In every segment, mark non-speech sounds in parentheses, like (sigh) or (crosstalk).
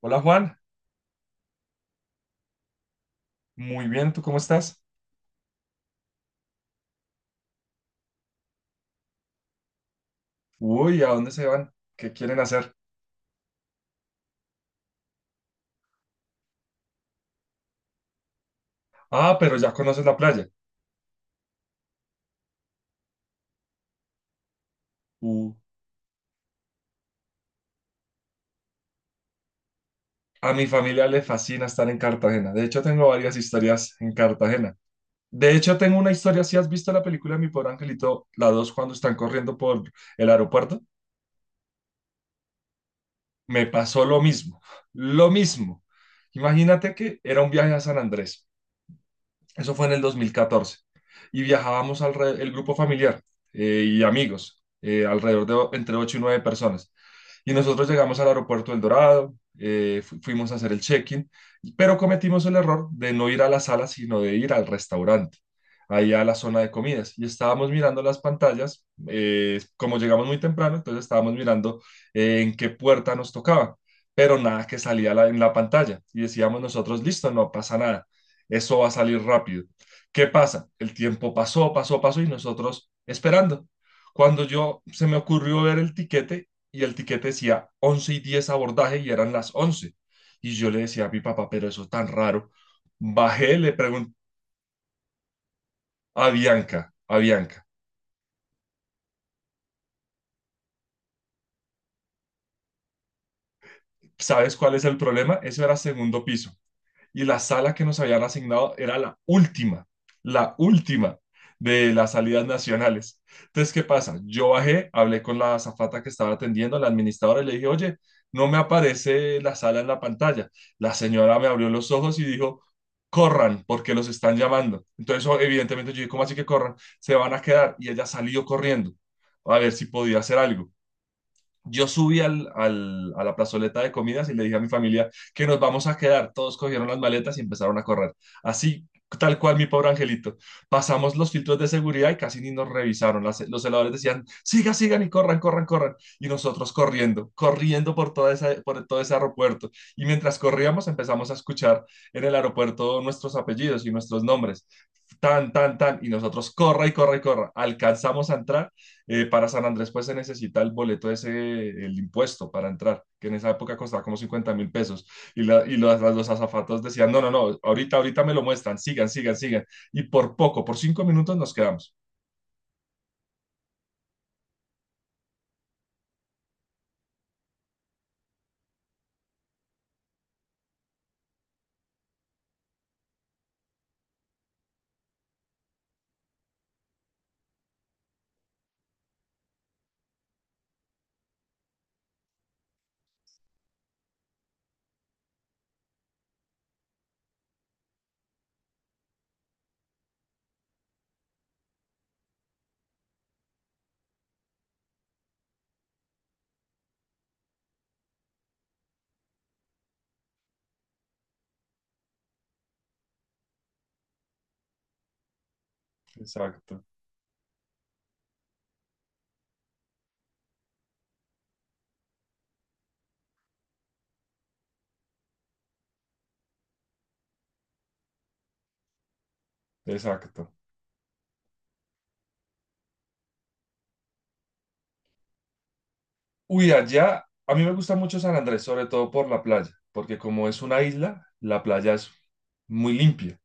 Hola Juan, muy bien, ¿tú cómo estás? Uy, ¿a dónde se van? ¿Qué quieren hacer? Ah, pero ya conoces la playa. Uh, a mi familia le fascina estar en Cartagena. De hecho, tengo varias historias en Cartagena. De hecho, tengo una historia, si has visto la película Mi Pobre Angelito, la 2, cuando están corriendo por el aeropuerto, me pasó lo mismo, lo mismo. Imagínate que era un viaje a San Andrés. Eso fue en el 2014. Y viajábamos al el grupo familiar y amigos, alrededor de entre 8 y 9 personas. Y nosotros llegamos al aeropuerto El Dorado, fuimos a hacer el check-in, pero cometimos el error de no ir a la sala, sino de ir al restaurante, ahí a la zona de comidas. Y estábamos mirando las pantallas, como llegamos muy temprano, entonces estábamos mirando en qué puerta nos tocaba, pero nada que salía en la pantalla. Y decíamos nosotros, listo, no pasa nada, eso va a salir rápido. ¿Qué pasa? El tiempo pasó, pasó, pasó y nosotros esperando. Cuando yo se me ocurrió ver el tiquete y el tiquete decía 11:10 abordaje y eran las 11. Y yo le decía a mi papá, pero eso es tan raro. Bajé, le pregunté a Bianca, ¿sabes cuál es el problema? Eso era segundo piso. Y la sala que nos habían asignado era la última de las salidas nacionales. Entonces, ¿qué pasa? Yo bajé, hablé con la azafata que estaba atendiendo, la administradora, y le dije, oye, no me aparece la sala en la pantalla. La señora me abrió los ojos y dijo, corran, porque los están llamando. Entonces, evidentemente, yo dije, ¿cómo así que corran? Se van a quedar. Y ella salió corriendo a ver si podía hacer algo. Yo subí a la plazoleta de comidas y le dije a mi familia que nos vamos a quedar. Todos cogieron las maletas y empezaron a correr. Así, tal cual, mi pobre angelito. Pasamos los filtros de seguridad y casi ni nos revisaron. Los celadores decían, sigan, sigan y corran, corran, corran. Y nosotros corriendo, corriendo por, toda esa, por todo ese aeropuerto. Y mientras corríamos empezamos a escuchar en el aeropuerto nuestros apellidos y nuestros nombres. Tan, tan, tan. Y nosotros corra y corra y corra. Alcanzamos a entrar, para San Andrés, pues se necesita el boleto ese, el impuesto para entrar, que en esa época costaba como 50.000 pesos. Y, y los azafatos decían, no, no, no, ahorita, ahorita me lo muestran, sigan, sigan, sigan. Y por poco, por 5 minutos nos quedamos. Exacto, exacto. Uy, allá, a mí me gusta mucho San Andrés, sobre todo por la playa, porque como es una isla, la playa es muy limpia.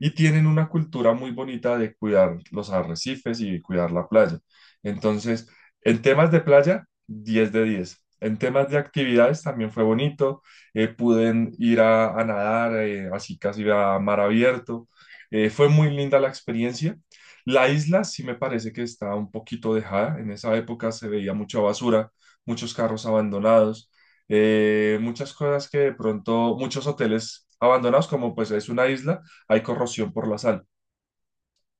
Y tienen una cultura muy bonita de cuidar los arrecifes y cuidar la playa. Entonces, en temas de playa, 10 de 10. En temas de actividades también fue bonito. Pude ir a nadar, así casi a mar abierto. Fue muy linda la experiencia. La isla sí me parece que está un poquito dejada. En esa época se veía mucha basura, muchos carros abandonados, muchas cosas que de pronto, muchos hoteles abandonados, como pues es una isla, hay corrosión por la sal.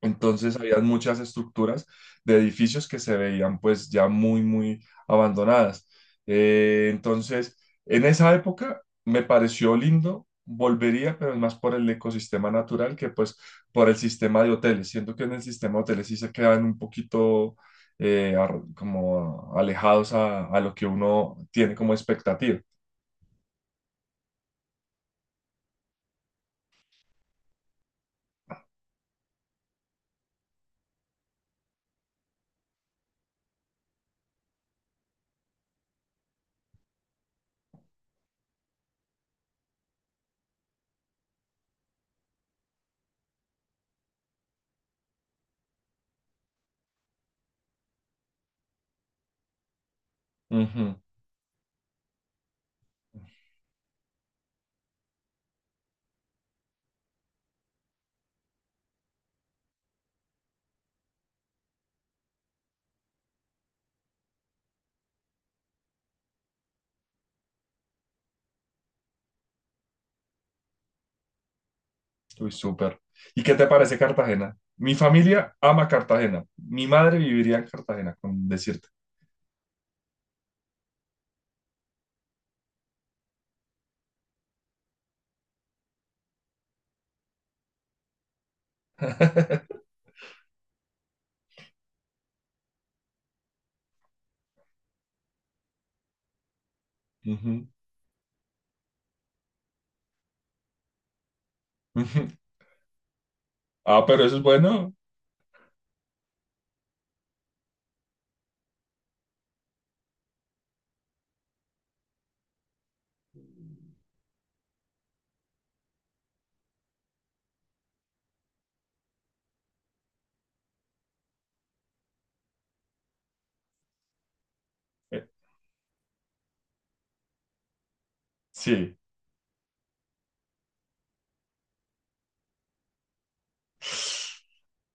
Entonces había muchas estructuras de edificios que se veían pues ya muy, muy abandonadas. Entonces, en esa época me pareció lindo, volvería, pero es más por el ecosistema natural que pues por el sistema de hoteles. Siento que en el sistema de hoteles sí se quedan un poquito como alejados a lo que uno tiene como expectativa. Ujú. Uy, súper. ¿Y qué te parece Cartagena? Mi familia ama Cartagena. Mi madre viviría en Cartagena, con decirte. (laughs) Ujú, ujú. Ah, pero eso es bueno. Eh, sí.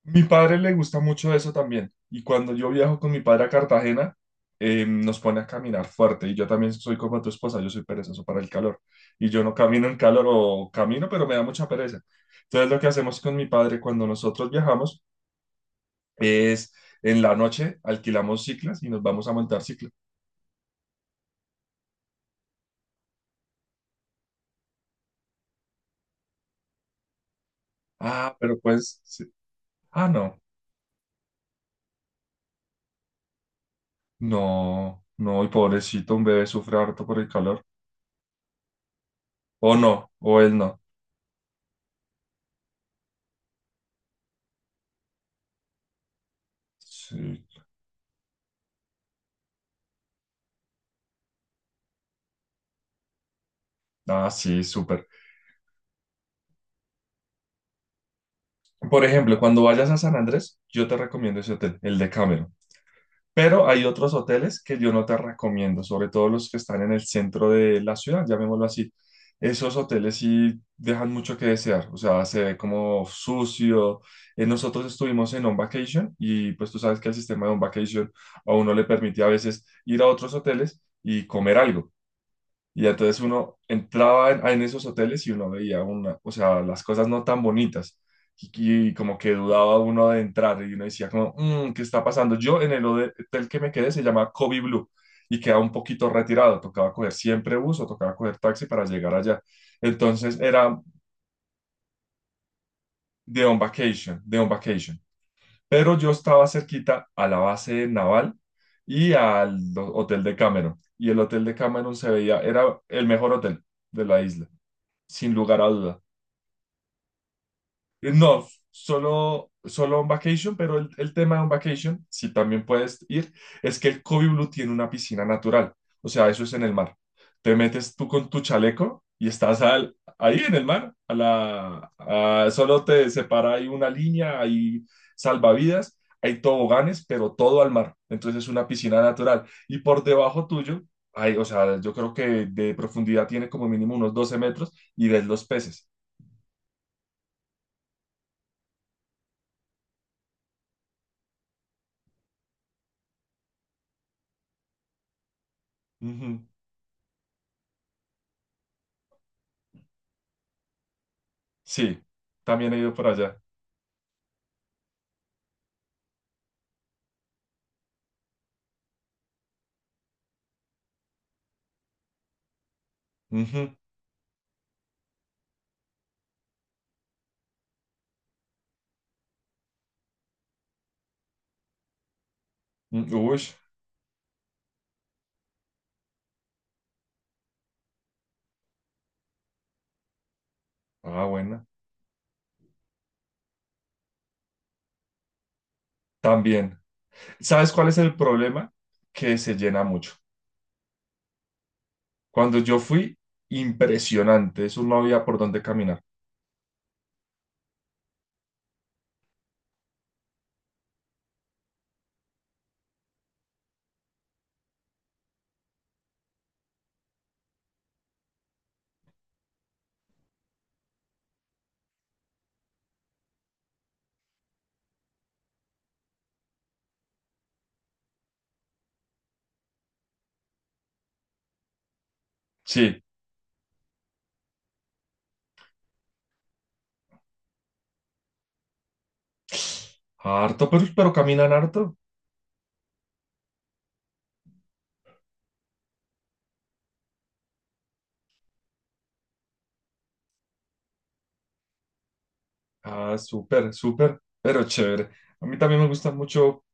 Mi padre le gusta mucho eso también. Y cuando yo viajo con mi padre a Cartagena, nos pone a caminar fuerte. Y yo también soy como tu esposa, yo soy perezoso para el calor. Y yo no camino en calor o camino, pero me da mucha pereza. Entonces lo que hacemos con mi padre cuando nosotros viajamos es en la noche alquilamos ciclas y nos vamos a montar cicla. Ah, pero pues, sí. Ah, no, no, no, y pobrecito, un bebé sufre harto por el calor. O no, o él no. Sí. Ah, sí, súper. Por ejemplo, cuando vayas a San Andrés, yo te recomiendo ese hotel, el de Cameron. Pero hay otros hoteles que yo no te recomiendo, sobre todo los que están en el centro de la ciudad, llamémoslo así. Esos hoteles sí dejan mucho que desear, o sea, se ve como sucio. Nosotros estuvimos en On Vacation y pues tú sabes que el sistema de On Vacation a uno le permite a veces ir a otros hoteles y comer algo. Y entonces uno entraba en esos hoteles y uno veía una, o sea, las cosas no tan bonitas. Y como que dudaba uno de entrar y uno decía como, "Mm, ¿qué está pasando?" Yo en el hotel que me quedé se llama Kobe Blue y queda un poquito retirado. Tocaba coger siempre bus o tocaba coger taxi para llegar allá. Entonces era de On Vacation, de On Vacation. Pero yo estaba cerquita a la base naval y al hotel de Cameron. Y el hotel de Cameron se veía, era el mejor hotel de la isla, sin lugar a duda. No, solo, solo On Vacation, pero el tema de On Vacation, si también puedes ir, es que el Kobe Blue tiene una piscina natural, o sea, eso es en el mar. Te metes tú con tu chaleco y estás ahí en el mar, a la, solo te separa ahí una línea, hay salvavidas, hay toboganes, pero todo al mar, entonces es una piscina natural. Y por debajo tuyo, hay, o sea, yo creo que de profundidad tiene como mínimo unos 12 metros y ves los peces. Sí, también he ido por allá. Ujú, mm, ush, ah, bueno. También. ¿Sabes cuál es el problema? Que se llena mucho. Cuando yo fui, impresionante. Eso no había por dónde caminar. Sí, harto, pero caminan harto. Ah, súper, súper, pero chévere. A mí también me gusta mucho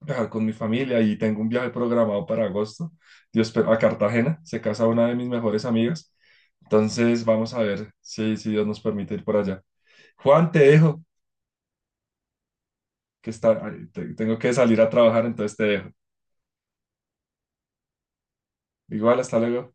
viajar con mi familia y tengo un viaje programado para agosto. Dios, pero a Cartagena. Se casa una de mis mejores amigas. Entonces, vamos a ver si, si Dios nos permite ir por allá. Juan, te dejo. Que está, tengo que salir a trabajar, entonces te dejo. Igual, hasta luego.